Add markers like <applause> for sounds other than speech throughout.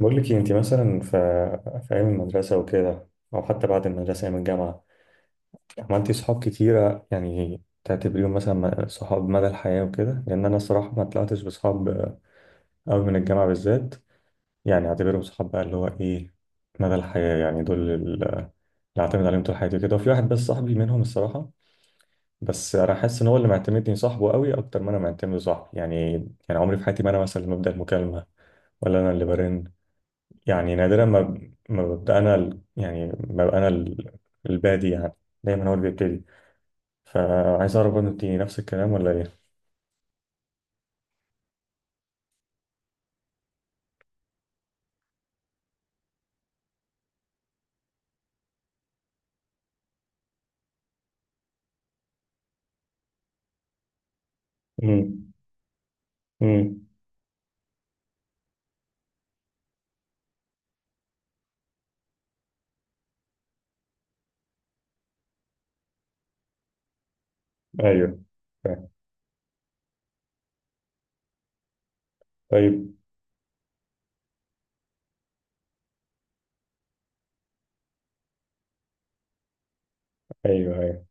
بقول لك إيه، انت مثلا في ايام المدرسه وكده، او حتى بعد المدرسه ايام الجامعه، عملتي صحاب كتيره يعني تعتبريهم مثلا صحاب مدى الحياه وكده؟ لان انا الصراحه ما طلعتش بصحاب قوي من الجامعه بالذات، يعني اعتبرهم صحاب بقى اللي هو ايه، مدى الحياه، يعني دول اللي اعتمد عليهم طول حياتي كده، وفي واحد بس صاحبي منهم الصراحه، بس انا حاسس ان هو اللي معتمدني صاحبه قوي اكتر ما انا معتمد صاحبي يعني. يعني عمري في حياتي ما انا مثلا اللي ببدا المكالمه، ولا انا اللي برن، يعني نادرا ما ب- ما ببقى انا ال- يعني ما ببقى انا البادي يعني، دايما هو اللي بيبتدي. فعايز اعرف برضه، انت نفس الكلام ولا ايه؟ امم. امم. ايوه، فاهم. طيب. ايوه، ايوه.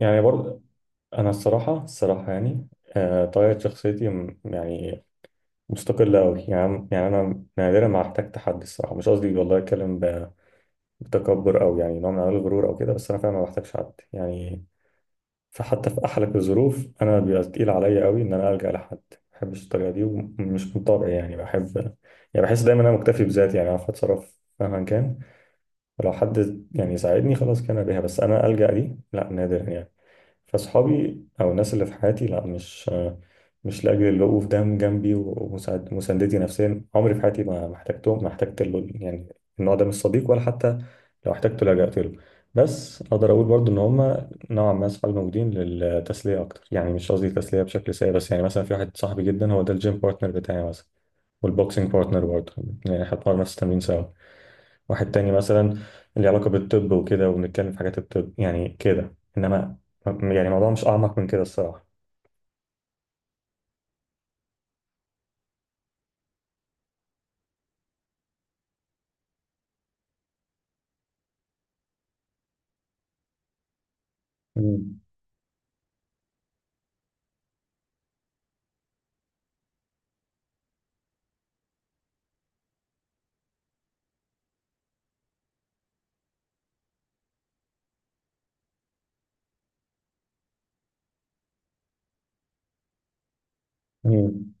يعني برضه انا الصراحه الصراحه يعني، طبيعه شخصيتي يعني مستقله قوي يعني، يعني انا نادرا ما احتاج حد الصراحه، مش قصدي والله اتكلم بتكبر او يعني نوع من انواع الغرور او كده، بس انا فعلا ما بحتاجش حد يعني. فحتى في أحلك الظروف أنا بيبقى تقيل عليا قوي إن أنا ألجأ لحد، ما بحبش الطريقة دي ومش من طبعي، يعني بحب، يعني بحس دايما أنا مكتفي بذاتي، يعني أعرف أتصرف مهما كان. فلو حد يعني يساعدني خلاص كان بيها، بس انا ألجأ دي لا، نادرا يعني. فاصحابي او الناس اللي في حياتي لا، مش مش لاجل الوقوف ده جنبي ومساندتي نفسيا، عمري في حياتي ما احتجتهم، ما احتجت يعني النوع ده من الصديق، ولا حتى لو احتجته لجأت له. بس اقدر اقول برضو ان هم نوعا ما اصحابي موجودين للتسليه اكتر، يعني مش قصدي تسليه بشكل سيء، بس يعني مثلا في واحد صاحبي جدا هو ده الجيم بارتنر بتاعي مثلا، والبوكسينج بارتنر برضه، يعني احنا بنتمرن نفس التمرين سوا. واحد تاني مثلا اللي علاقة بالطب وكده وبنتكلم في حاجات الطب يعني كده، انما يعني الموضوع مش اعمق من كده الصراحة. مم. مم.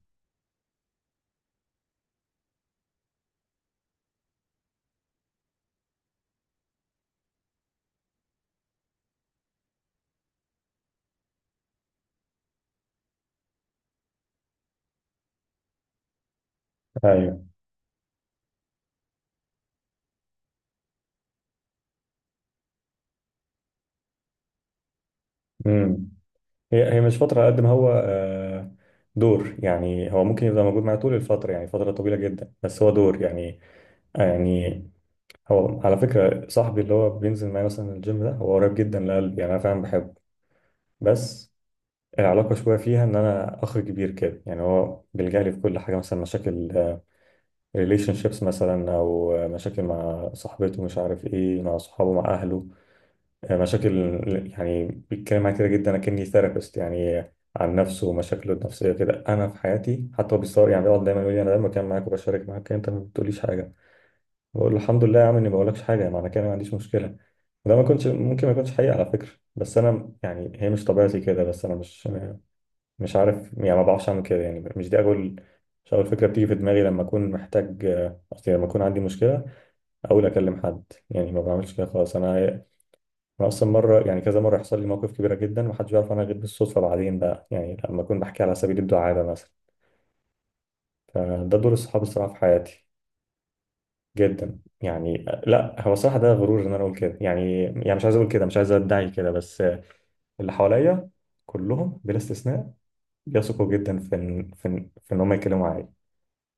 ايوه. مم. هي هي مش فترة قد ما هو دور يعني، هو ممكن يبقى موجود معايا طول الفترة، يعني فترة طويلة جدا، بس هو دور يعني، يعني هو على فكرة صاحبي اللي هو بينزل معايا مثلا الجيم ده هو قريب جدا لقلبي، يعني انا فعلا بحبه، بس العلاقة شوية فيها إن أنا أخ كبير كده، يعني هو بيلجأ لي في كل حاجة، مثلا مشاكل ريليشن شيبس مثلا، او مشاكل مع صاحبته مش عارف ايه، مع صحابه، مع اهله، مشاكل، يعني بيتكلم معايا كده جدا اكني ثيرابيست يعني، عن نفسه ومشاكله النفسيه كده. انا في حياتي حتى هو بيصور يعني، بيقعد دايما يقول لي انا دايما بتكلم معاك وبشارك معاك، انت ما بتقوليش حاجه. بقول له الحمد لله يا عم، اني ما بقولكش حاجه معنى كده ما عنديش مشكله. وده ما كنتش ممكن ما يكونش حقيقي على فكره، بس انا يعني هي مش طبيعتي كده. بس انا مش مش عارف يعني، ما بعرفش اعمل كده، يعني مش دي اول، مش اول فكره بتيجي في دماغي لما اكون محتاج، قصدي لما اكون عندي مشكله اقول اكلم حد، يعني ما بعملش كده خالص انا. انا اصلا مره يعني كذا مره يحصل لي موقف كبيره جدا ومحدش بيعرف عنها غير بالصدفه بعدين بقى، يعني لما اكون بحكي على سبيل الدعابه مثلا. فده دور الصحاب الصراحه في حياتي. جدا يعني، لا هو الصراحه ده غرور ان انا اقول كده يعني، يعني مش عايز اقول كده، مش عايز ادعي كده، بس اللي حواليا كلهم بلا استثناء بيثقوا جدا في ان في ان في إن هم يتكلموا معايا،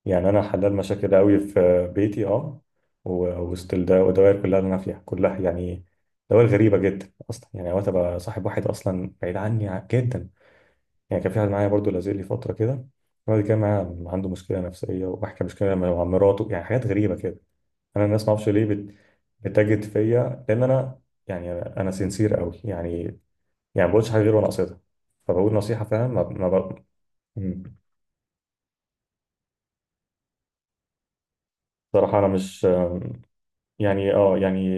يعني انا حلال مشاكل قوي في بيتي، اه، وسط الدوائر كلها اللي انا فيها كلها يعني، دوائر غريبه جدا اصلا، يعني اوقات ابقى صاحب واحد اصلا بعيد عني جدا. يعني كان في واحد معايا برضو لازلي فتره كده، الراجل كان معايا عنده مشكله نفسيه وبحكي مشكله مع مراته، يعني حاجات غريبه كده. انا الناس ما اعرفش ليه بتجد فيا، لان انا يعني أنا سنسير قوي يعني، يعني ما بقولش حاجه غير وانا قصدها، فبقول نصيحه، فاهم ما ما ب... مم. صراحه انا مش، يعني اه يعني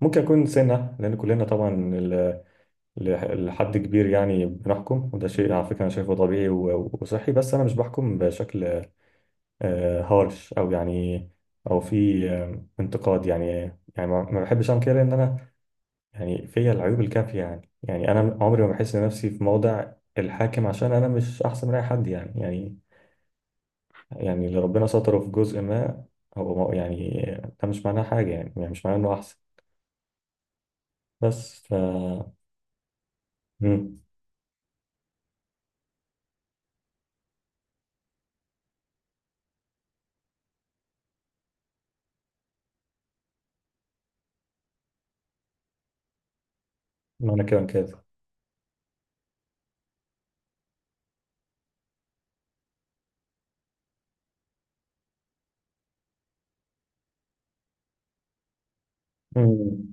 ممكن يكون سنة، لأن كلنا طبعا ال- لحد كبير يعني بنحكم، وده شيء على فكرة أنا شايفه طبيعي وصحي، بس أنا مش بحكم بشكل هارش أو يعني أو في انتقاد يعني، يعني ما بحبش أعمل كده، لأن أنا يعني فيا العيوب الكافية يعني، يعني أنا عمري ما بحس نفسي في موضع الحاكم، عشان أنا مش أحسن من أي حد يعني، يعني يعني اللي ربنا ستره في جزء ما، هو يعني ده مش معناه حاجة يعني, يعني مش معناه إنه أحسن. بس ف مم. معنى كده كده. مم.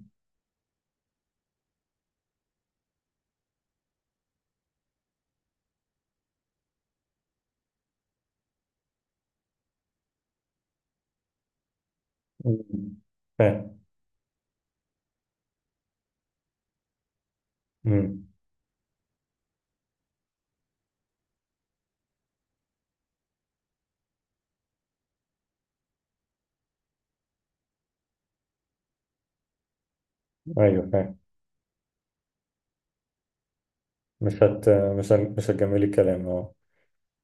مم. فاهم. مم. ايوه، فاهم. مش هت مش هن- مش هتجملي الكلام، اه.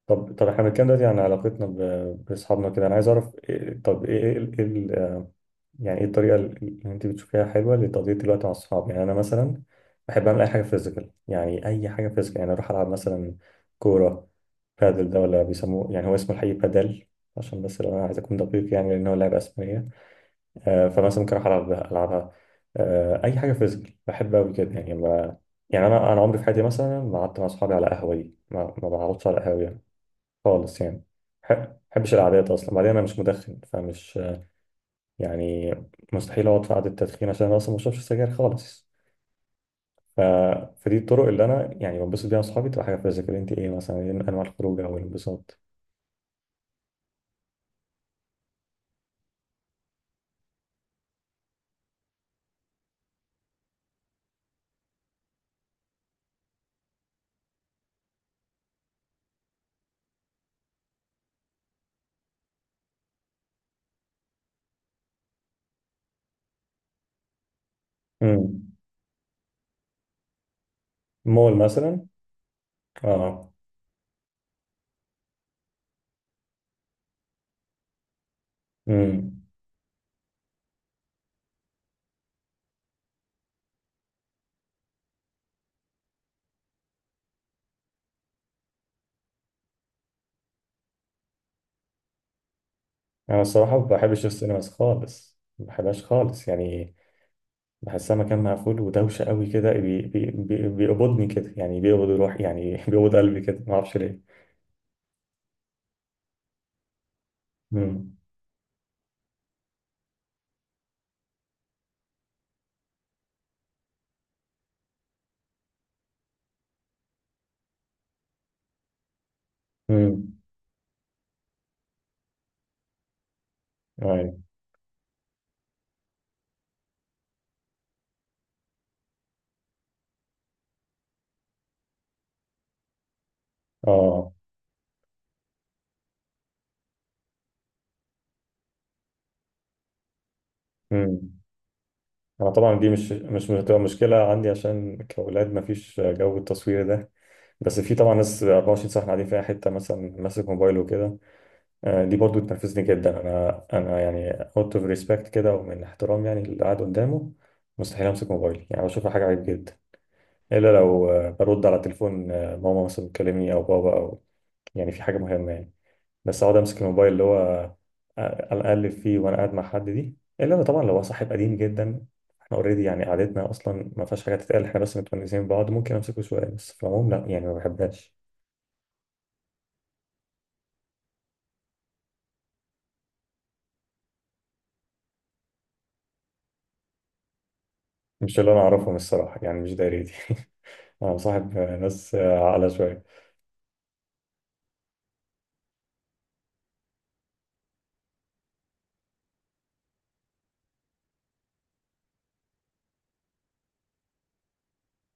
طب، احنا بنتكلم دلوقتي عن علاقتنا باصحابنا كده، انا عايز اعرف إيه، طب ايه يعني ايه الطريقه اللي انت بتشوفيها حلوه لتقضيه الوقت مع الصحاب؟ يعني انا مثلا بحب اعمل اي حاجه فيزيكال، يعني اي حاجه فيزيكال، يعني اروح العب مثلا كوره، بادل، ده ولا بيسموه يعني هو اسمه الحقيقي بادل، عشان بس لو انا عايز اكون دقيق يعني، لان هو لعبه اسبانيه. فمثلا ممكن اروح العب العبها. اي حاجه فيزيكال بحب قوي كده يعني ما، يعني انا عمري في حياتي مثلا ما قعدت مع اصحابي على قهوه، دي ما بقعدش على قهوه يعني خالص يعني، ما بحبش القعدات اصلا، بعدين انا مش مدخن فمش يعني مستحيل اقعد في قعده تدخين، عشان انا اصلا ما بشربش سجاير خالص. ف... فدي الطرق اللي انا يعني بنبسط بيها مع اصحابي، تبقى حاجه فيزيكال. انت ايه مثلا، ايه انواع الخروج او الانبساط؟ امم. مول مثلا. اه. امم. انا الصراحه ما بحبش السينماز خالص، ما بحبهاش خالص يعني، بحسها مكان مقفول ودوشه قوي كده، بي بي بي بيقبضني كده، يعني بيقبض روحي يعني <laughs> بيقبض قلبي كده، ما اعرفش ليه. امم. امم. ايوه. اه. امم. انا طبعا دي مش بتبقى مشكله عندي، عشان كاولاد ما فيش جو التصوير ده، بس في طبعا ناس 24 ساعه قاعدين في اي حته مثلا ماسك موبايله وكده. دي برضو تنرفزني جدا، انا يعني اوت اوف ريسبكت كده، ومن احترام يعني اللي قاعد قدامه، مستحيل امسك موبايلي، يعني بشوفها حاجه عيب جدا، الا لو برد على تليفون ماما مثلا بتكلمني او بابا، او يعني في حاجه مهمه يعني. بس اقعد امسك الموبايل اللي هو، اقلب فيه وانا قاعد مع حد، دي الا لو طبعا لو هو صاحب قديم جدا، احنا اوريدي يعني قعدتنا اصلا ما فيهاش حاجه تتقال، احنا بس متونسين ببعض، ممكن امسكه شويه، بس في العموم لا يعني ما بحبهاش. مش اللي انا اعرفهم الصراحه يعني، مش دايرتي <laughs> أنا مصاحب ناس عاقلة شوية.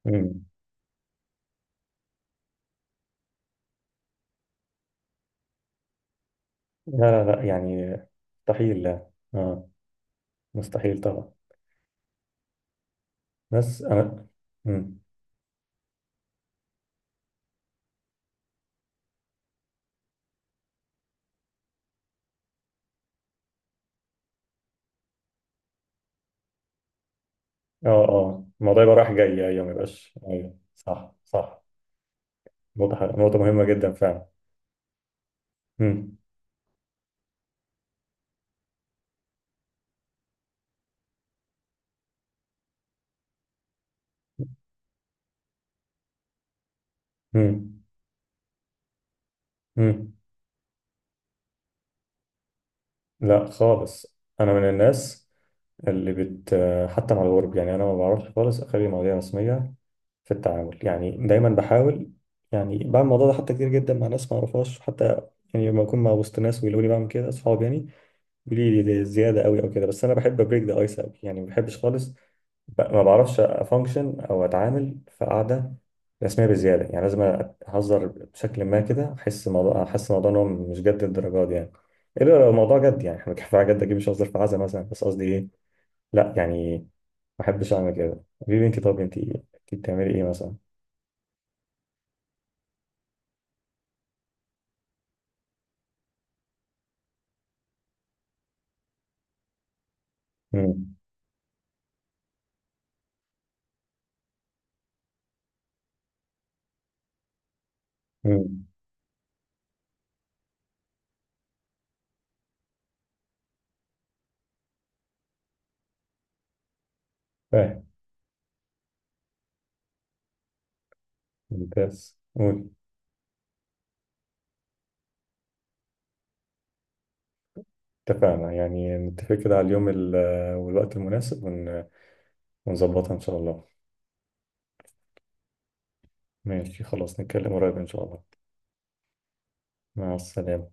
مم. لا، لا، لا يعني، مستحيل، لا. آه. مستحيل طبعا. ناس أنا. مم. آه، آه، الموضوع يبقى رايح جاي، أيوه، ما يبقاش، أيوه، صح، صح. نقطة حلوة. نقطة مهمة جدا فعلا. مم. مم. مم. لا خالص، أنا من الناس اللي حتى مع الغرب يعني، أنا ما بعرفش خالص أخلي مواضيع رسمية في التعامل، يعني دايما بحاول، يعني بعمل الموضوع ده حتى كتير جدا مع ناس ما اعرفهاش حتى، يعني لما اكون مع وسط ناس ويقولوا لي بعمل كده اصحابي يعني بيقولوا لي دي زياده قوي او كده، بس انا بحب ابريك ذا ايس قوي يعني، ما بحبش خالص ما بعرفش افانكشن او اتعامل في قعده رسميه بزياده، يعني لازم اهزر بشكل ما كده، احس الموضوع، احس الموضوع ان هو مش جد الدرجات دي يعني. الا لو الموضوع جد يعني، احنا كفايه جد، اكيد مش ههزر في عزا مثلا، بس قصدي ايه، لا يعني ما بحبش اعمل كده. حبيبي انت، طب انت، إنت بتعملي ايه مثلا؟ امم. امم. فاهم. ممتاز، قول. اتفقنا، يعني نتفق كده على اليوم والوقت المناسب ونظبطها إن شاء الله. ماشي، خلاص، نتكلم قريب إن شاء الله. مع السلامة.